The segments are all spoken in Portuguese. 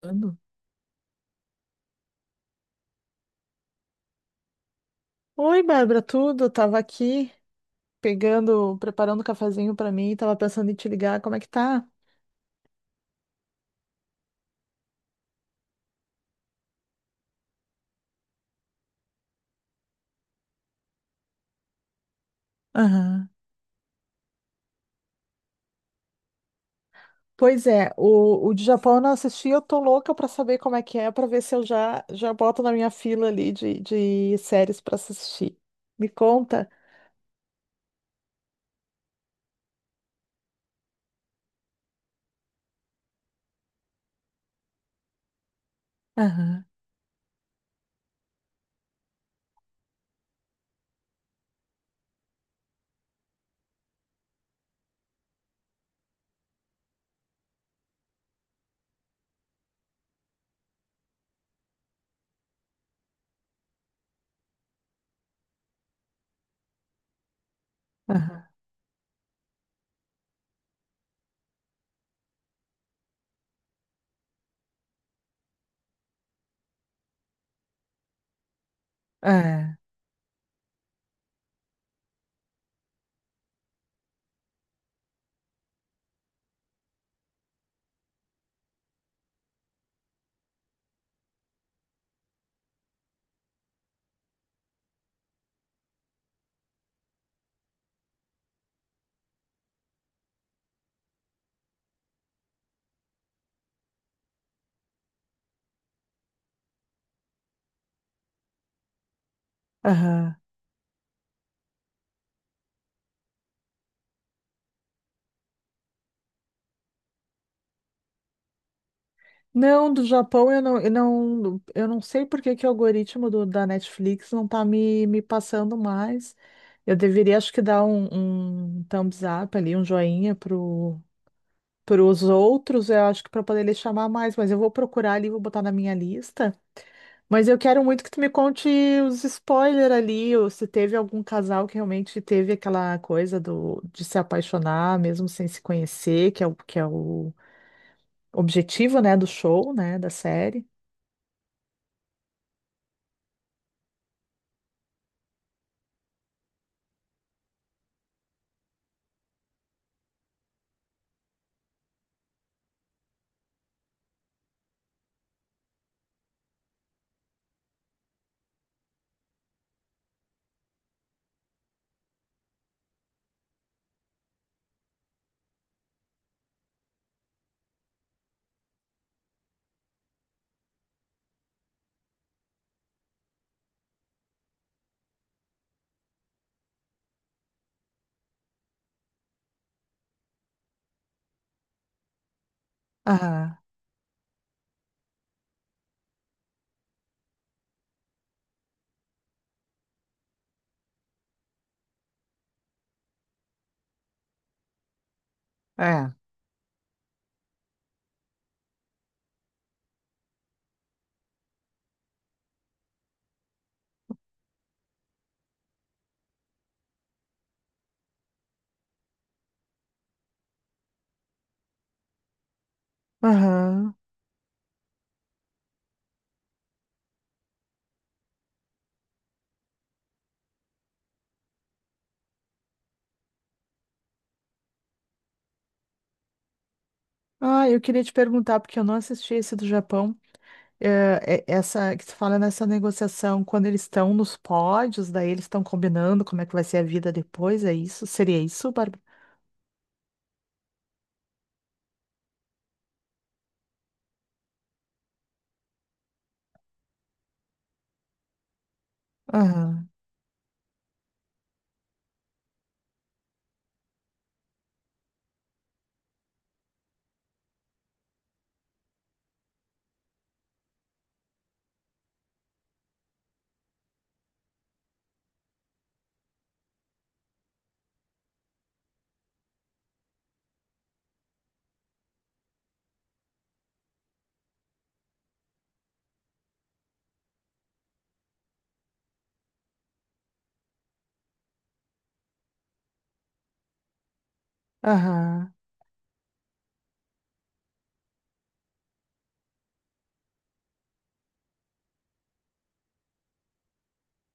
Tudo. Oi, Bárbara, tudo? Tava aqui pegando, preparando um cafezinho pra mim, tava pensando em te ligar, como é que tá? Aham. Pois é, o de Japão eu não assisti, eu tô louca pra saber como é que é, pra ver se eu já já boto na minha fila ali de séries pra assistir. Me conta? Aham. Aham. É. Aham. Não, do Japão eu não sei por que que o algoritmo da Netflix não tá me passando mais. Eu deveria, acho que dar um, um thumbs up ali, um joinha pro, pros outros, eu acho que para poder ele chamar mais, mas eu vou procurar ali, vou botar na minha lista. Mas eu quero muito que tu me conte os spoilers ali, ou se teve algum casal que realmente teve aquela coisa do, de se apaixonar, mesmo sem se conhecer, que é o objetivo, né, do show, né, da série. Aham, é. Aham. Ah, eu queria te perguntar, porque eu não assisti esse do Japão, é, essa que se fala nessa negociação, quando eles estão nos pódios, daí eles estão combinando como é que vai ser a vida depois, é isso? Seria isso, Bárbara? Aham, aham.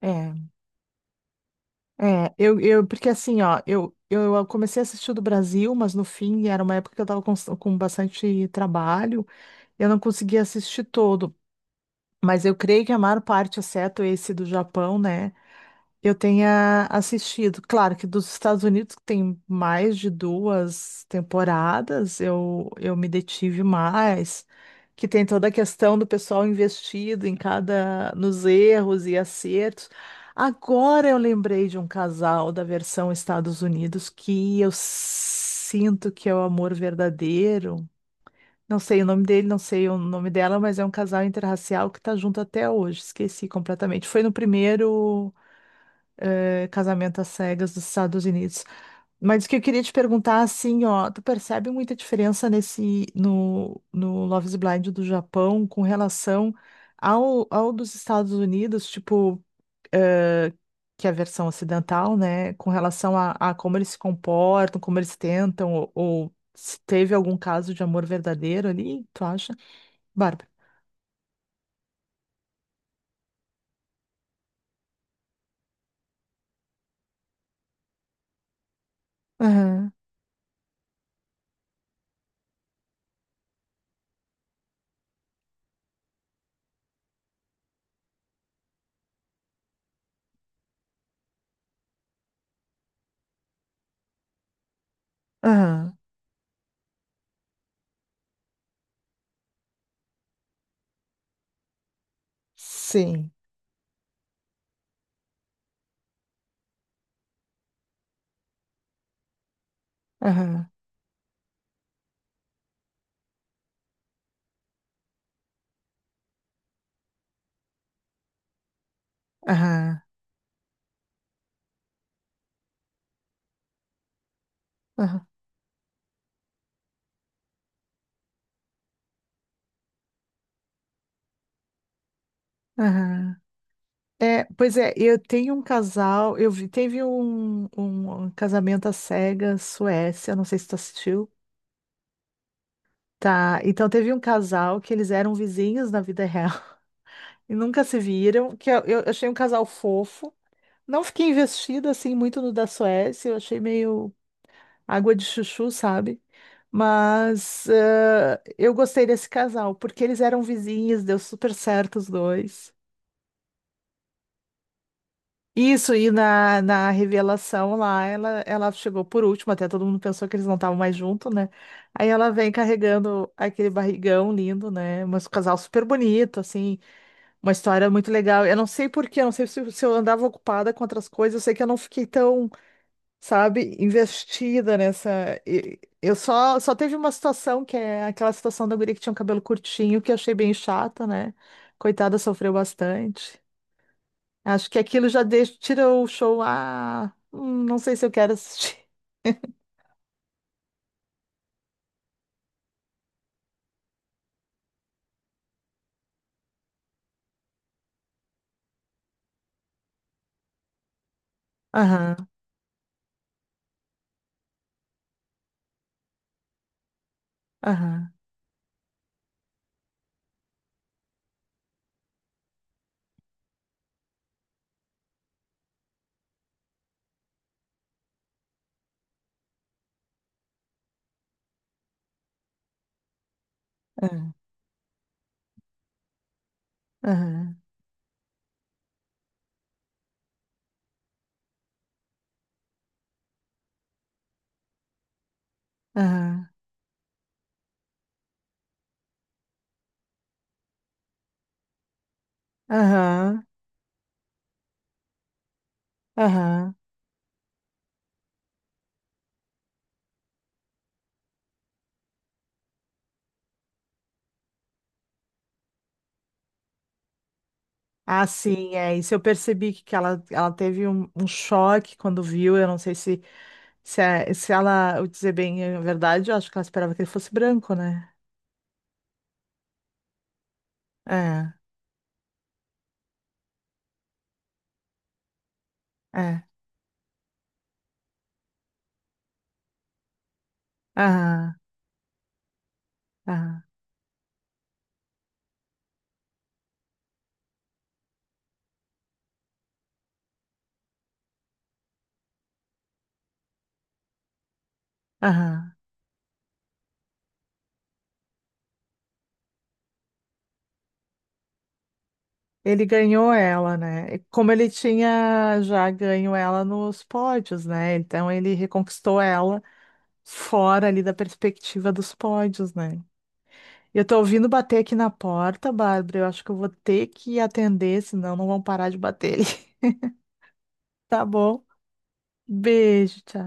É, é, eu, porque assim, ó, eu comecei a assistir o do Brasil, mas no fim era uma época que eu tava com bastante trabalho, eu não conseguia assistir todo, mas eu creio que a maior parte, exceto esse do Japão, né? Eu tenha assistido. Claro que dos Estados Unidos, que tem mais de duas temporadas, eu me detive mais, que tem toda a questão do pessoal investido em cada, nos erros e acertos. Agora eu lembrei de um casal da versão Estados Unidos que eu sinto que é o amor verdadeiro. Não sei o nome dele, não sei o nome dela, mas é um casal interracial que está junto até hoje. Esqueci completamente. Foi no primeiro casamento às cegas dos Estados Unidos. Mas o que eu queria te perguntar, assim, ó, tu percebe muita diferença nesse, no Love is Blind do Japão com relação ao dos Estados Unidos, tipo, eh, que é a versão ocidental, né, com relação a como eles se comportam, como eles tentam, ou se teve algum caso de amor verdadeiro ali, tu acha? Bárbara. Aham, aham, sim, aham, aham, aham, aham. É, pois é, eu tenho um casal, eu vi, teve um, um casamento à cegas, Suécia, não sei se tu assistiu, tá? Então teve um casal que eles eram vizinhos na vida real e nunca se viram, que eu achei um casal fofo. Não fiquei investida assim muito no da Suécia, eu achei meio água de chuchu, sabe? Mas eu gostei desse casal, porque eles eram vizinhos, deu super certo os dois. Isso, e na, na revelação lá, ela chegou por último, até todo mundo pensou que eles não estavam mais juntos, né? Aí ela vem carregando aquele barrigão lindo, né? Mas um casal super bonito, assim, uma história muito legal. Eu não sei por quê, eu não sei se, se eu andava ocupada com outras coisas, eu sei que eu não fiquei tão, sabe, investida nessa. Eu só, só teve uma situação, que é aquela situação da guria que tinha um cabelo curtinho, que eu achei bem chata, né? Coitada, sofreu bastante. Acho que aquilo já deixa, tira o show. Ah, não sei se eu quero assistir. Aham, aham, aham, aham, aham, aham, aham. Ah, sim, é isso. Eu percebi que ela teve um, um choque quando viu. Eu não sei se, se ela, eu dizer bem a verdade, eu acho que ela esperava que ele fosse branco, né? É, é. Aham, aham, aham. Ele ganhou ela, né? E como ele tinha já ganho ela nos pódios, né? Então ele reconquistou ela fora ali da perspectiva dos pódios, né? Eu tô ouvindo bater aqui na porta, Bárbara. Eu acho que eu vou ter que atender, senão não vão parar de bater ali. Tá bom? Beijo, tchau.